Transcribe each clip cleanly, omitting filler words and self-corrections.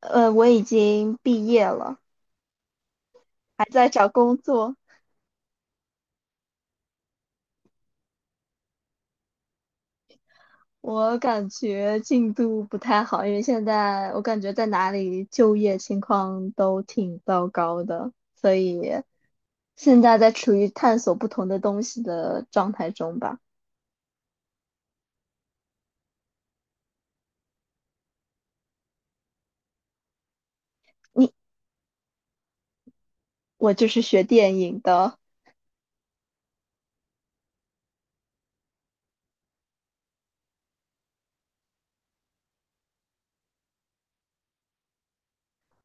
我已经毕业了，还在找工作。我感觉进度不太好，因为现在我感觉在哪里就业情况都挺糟糕的，所以现在在处于探索不同的东西的状态中吧。你，我就是学电影的，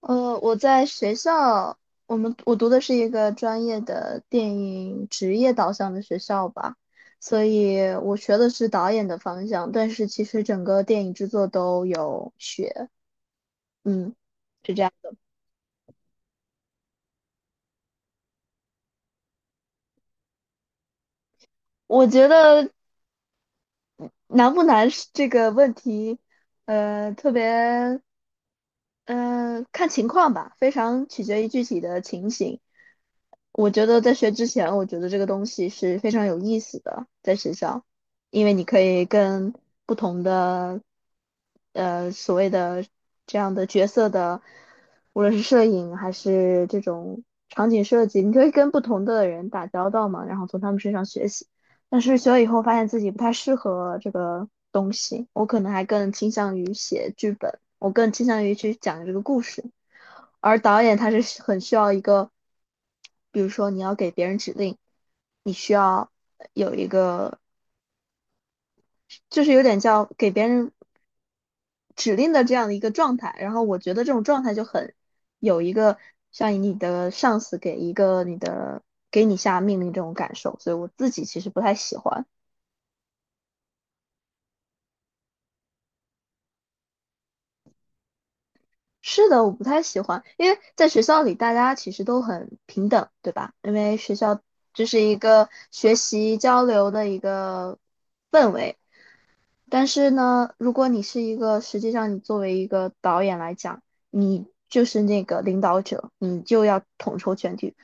我在学校，我读的是一个专业的电影职业导向的学校吧，所以我学的是导演的方向，但是其实整个电影制作都有学，嗯，是这样的。我觉得难不难是这个问题，呃，特别，嗯、看情况吧，非常取决于具体的情形。我觉得在学之前，我觉得这个东西是非常有意思的，在学校，因为你可以跟不同的所谓的这样的角色的，无论是摄影还是这种场景设计，你可以跟不同的人打交道嘛，然后从他们身上学习。但是学了以后，发现自己不太适合这个东西，我可能还更倾向于写剧本，我更倾向于去讲这个故事。而导演他是很需要一个，比如说你要给别人指令，你需要有一个就是有点叫给别人指令的这样的一个状态。然后我觉得这种状态就很有一个像你的上司给一个你的给你下命令这种感受，所以我自己其实不太喜欢。是的，我不太喜欢，因为在学校里大家其实都很平等，对吧？因为学校就是一个学习交流的一个氛围。但是呢，如果你是一个，实际上你作为一个导演来讲，你就是那个领导者，你就要统筹全局。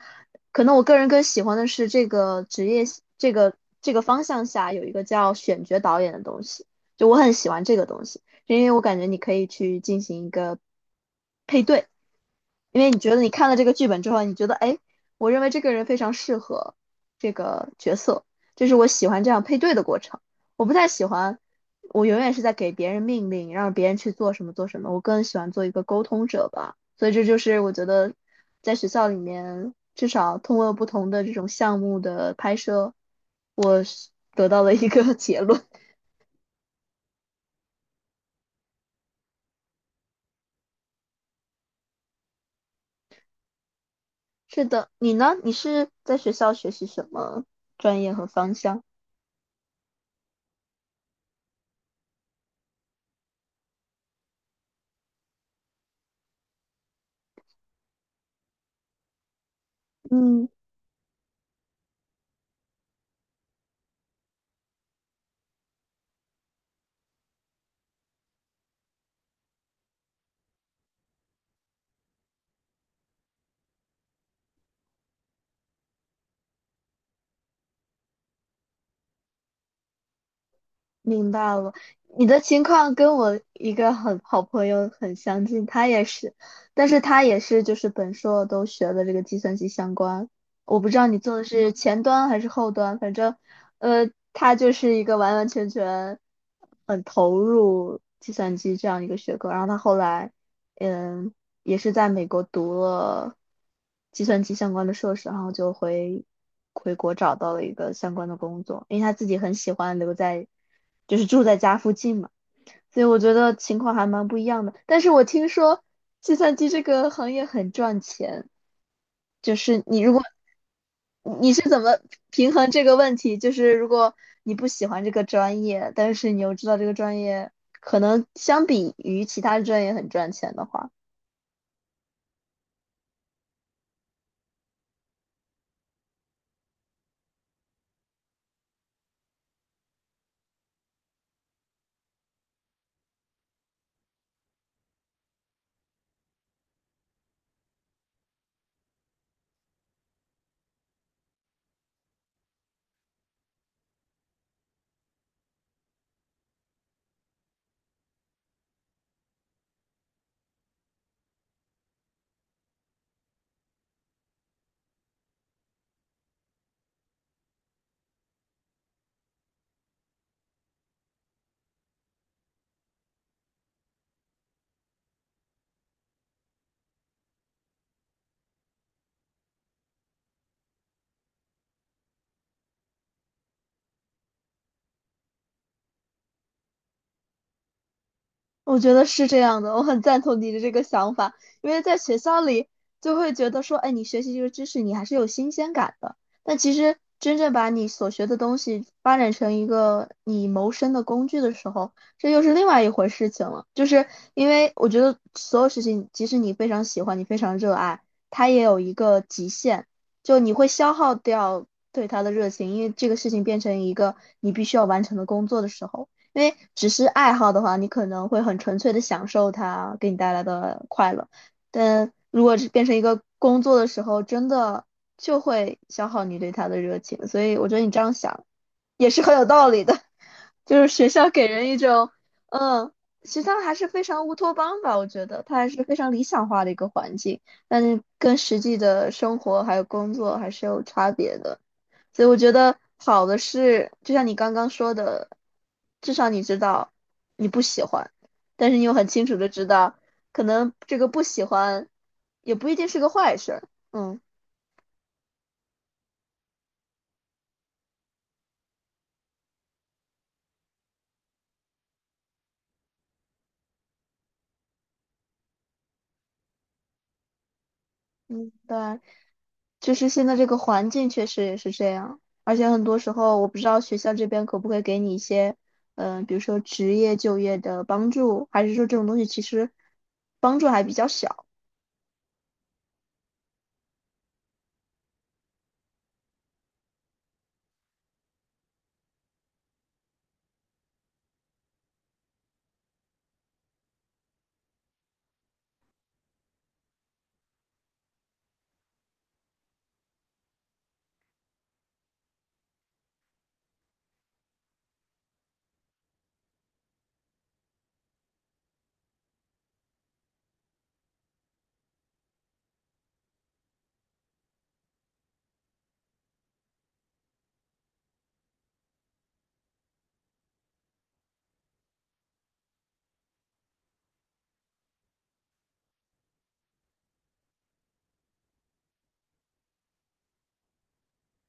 可能我个人更喜欢的是这个职业，这个方向下有一个叫选角导演的东西，就我很喜欢这个东西，因为我感觉你可以去进行一个配对，因为你觉得你看了这个剧本之后，你觉得哎，我认为这个人非常适合这个角色，这是我喜欢这样配对的过程。我不太喜欢，我永远是在给别人命令，让别人去做什么做什么。我更喜欢做一个沟通者吧。所以这就是我觉得在学校里面，至少通过不同的这种项目的拍摄，我是得到了一个 结论。是的，你呢？你是在学校学习什么专业和方向？嗯。明白了，你的情况跟我一个很好朋友很相近，他也是，但是他也是就是本硕都学的这个计算机相关，我不知道你做的是前端还是后端，反正，他就是一个完完全全很投入计算机这样一个学科，然后他后来，嗯，也是在美国读了计算机相关的硕士，然后就回国找到了一个相关的工作，因为他自己很喜欢留在，就是住在家附近嘛，所以我觉得情况还蛮不一样的。但是我听说计算机这个行业很赚钱，就是你如果你是怎么平衡这个问题？就是如果你不喜欢这个专业，但是你又知道这个专业可能相比于其他专业很赚钱的话。我觉得是这样的，我很赞同你的这个想法，因为在学校里就会觉得说，哎，你学习这个知识，你还是有新鲜感的。但其实真正把你所学的东西发展成一个你谋生的工具的时候，这又是另外一回事情了。就是因为我觉得所有事情，即使你非常喜欢，你非常热爱，它也有一个极限，就你会消耗掉对它的热情，因为这个事情变成一个你必须要完成的工作的时候。因为只是爱好的话，你可能会很纯粹的享受它给你带来的快乐，但如果是变成一个工作的时候，真的就会消耗你对它的热情。所以我觉得你这样想也是很有道理的，就是学校给人一种，嗯，学校还是非常乌托邦吧，我觉得它还是非常理想化的一个环境，但是跟实际的生活还有工作还是有差别的。所以我觉得好的是，就像你刚刚说的，至少你知道你不喜欢，但是你又很清楚的知道，可能这个不喜欢也不一定是个坏事儿。嗯嗯，对，就是现在这个环境确实也是这样，而且很多时候我不知道学校这边可不可以给你一些，比如说职业就业的帮助，还是说这种东西其实帮助还比较小。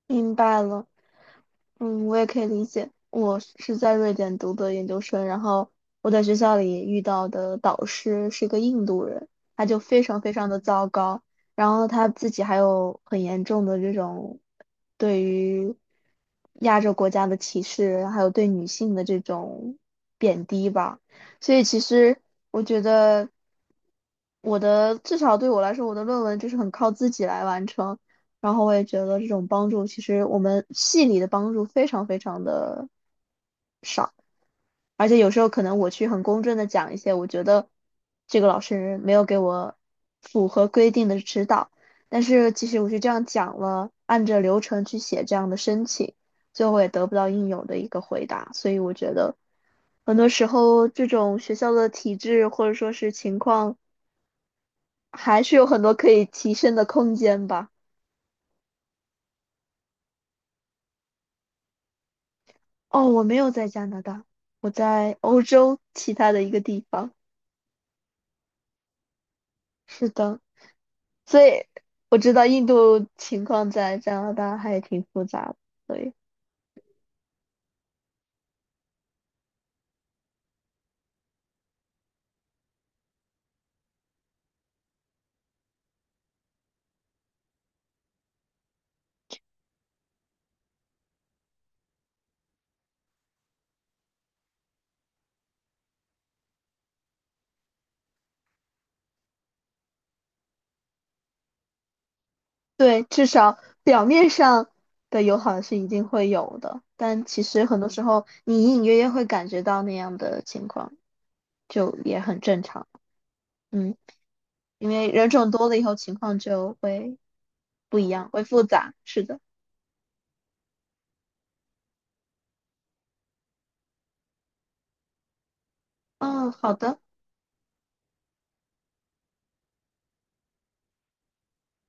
明白了。嗯，我也可以理解。我是在瑞典读的研究生，然后我在学校里遇到的导师是一个印度人，他就非常非常的糟糕，然后他自己还有很严重的这种对于亚洲国家的歧视，还有对女性的这种贬低吧。所以其实我觉得我的至少对我来说，我的论文就是很靠自己来完成。然后我也觉得这种帮助，其实我们系里的帮助非常非常的，而且有时候可能我去很公正的讲一些，我觉得这个老师没有给我符合规定的指导，但是其实我是这样讲了，按着流程去写这样的申请，最后也得不到应有的一个回答，所以我觉得很多时候这种学校的体制或者说是情况，还是有很多可以提升的空间吧。哦，我没有在加拿大，我在欧洲其他的一个地方。是的，所以我知道印度情况在加拿大还挺复杂的，所以对，至少表面上的友好是一定会有的，但其实很多时候你隐隐约约会感觉到那样的情况，就也很正常。嗯，因为人种多了以后，情况就会不一样，会复杂。是的。嗯，好的。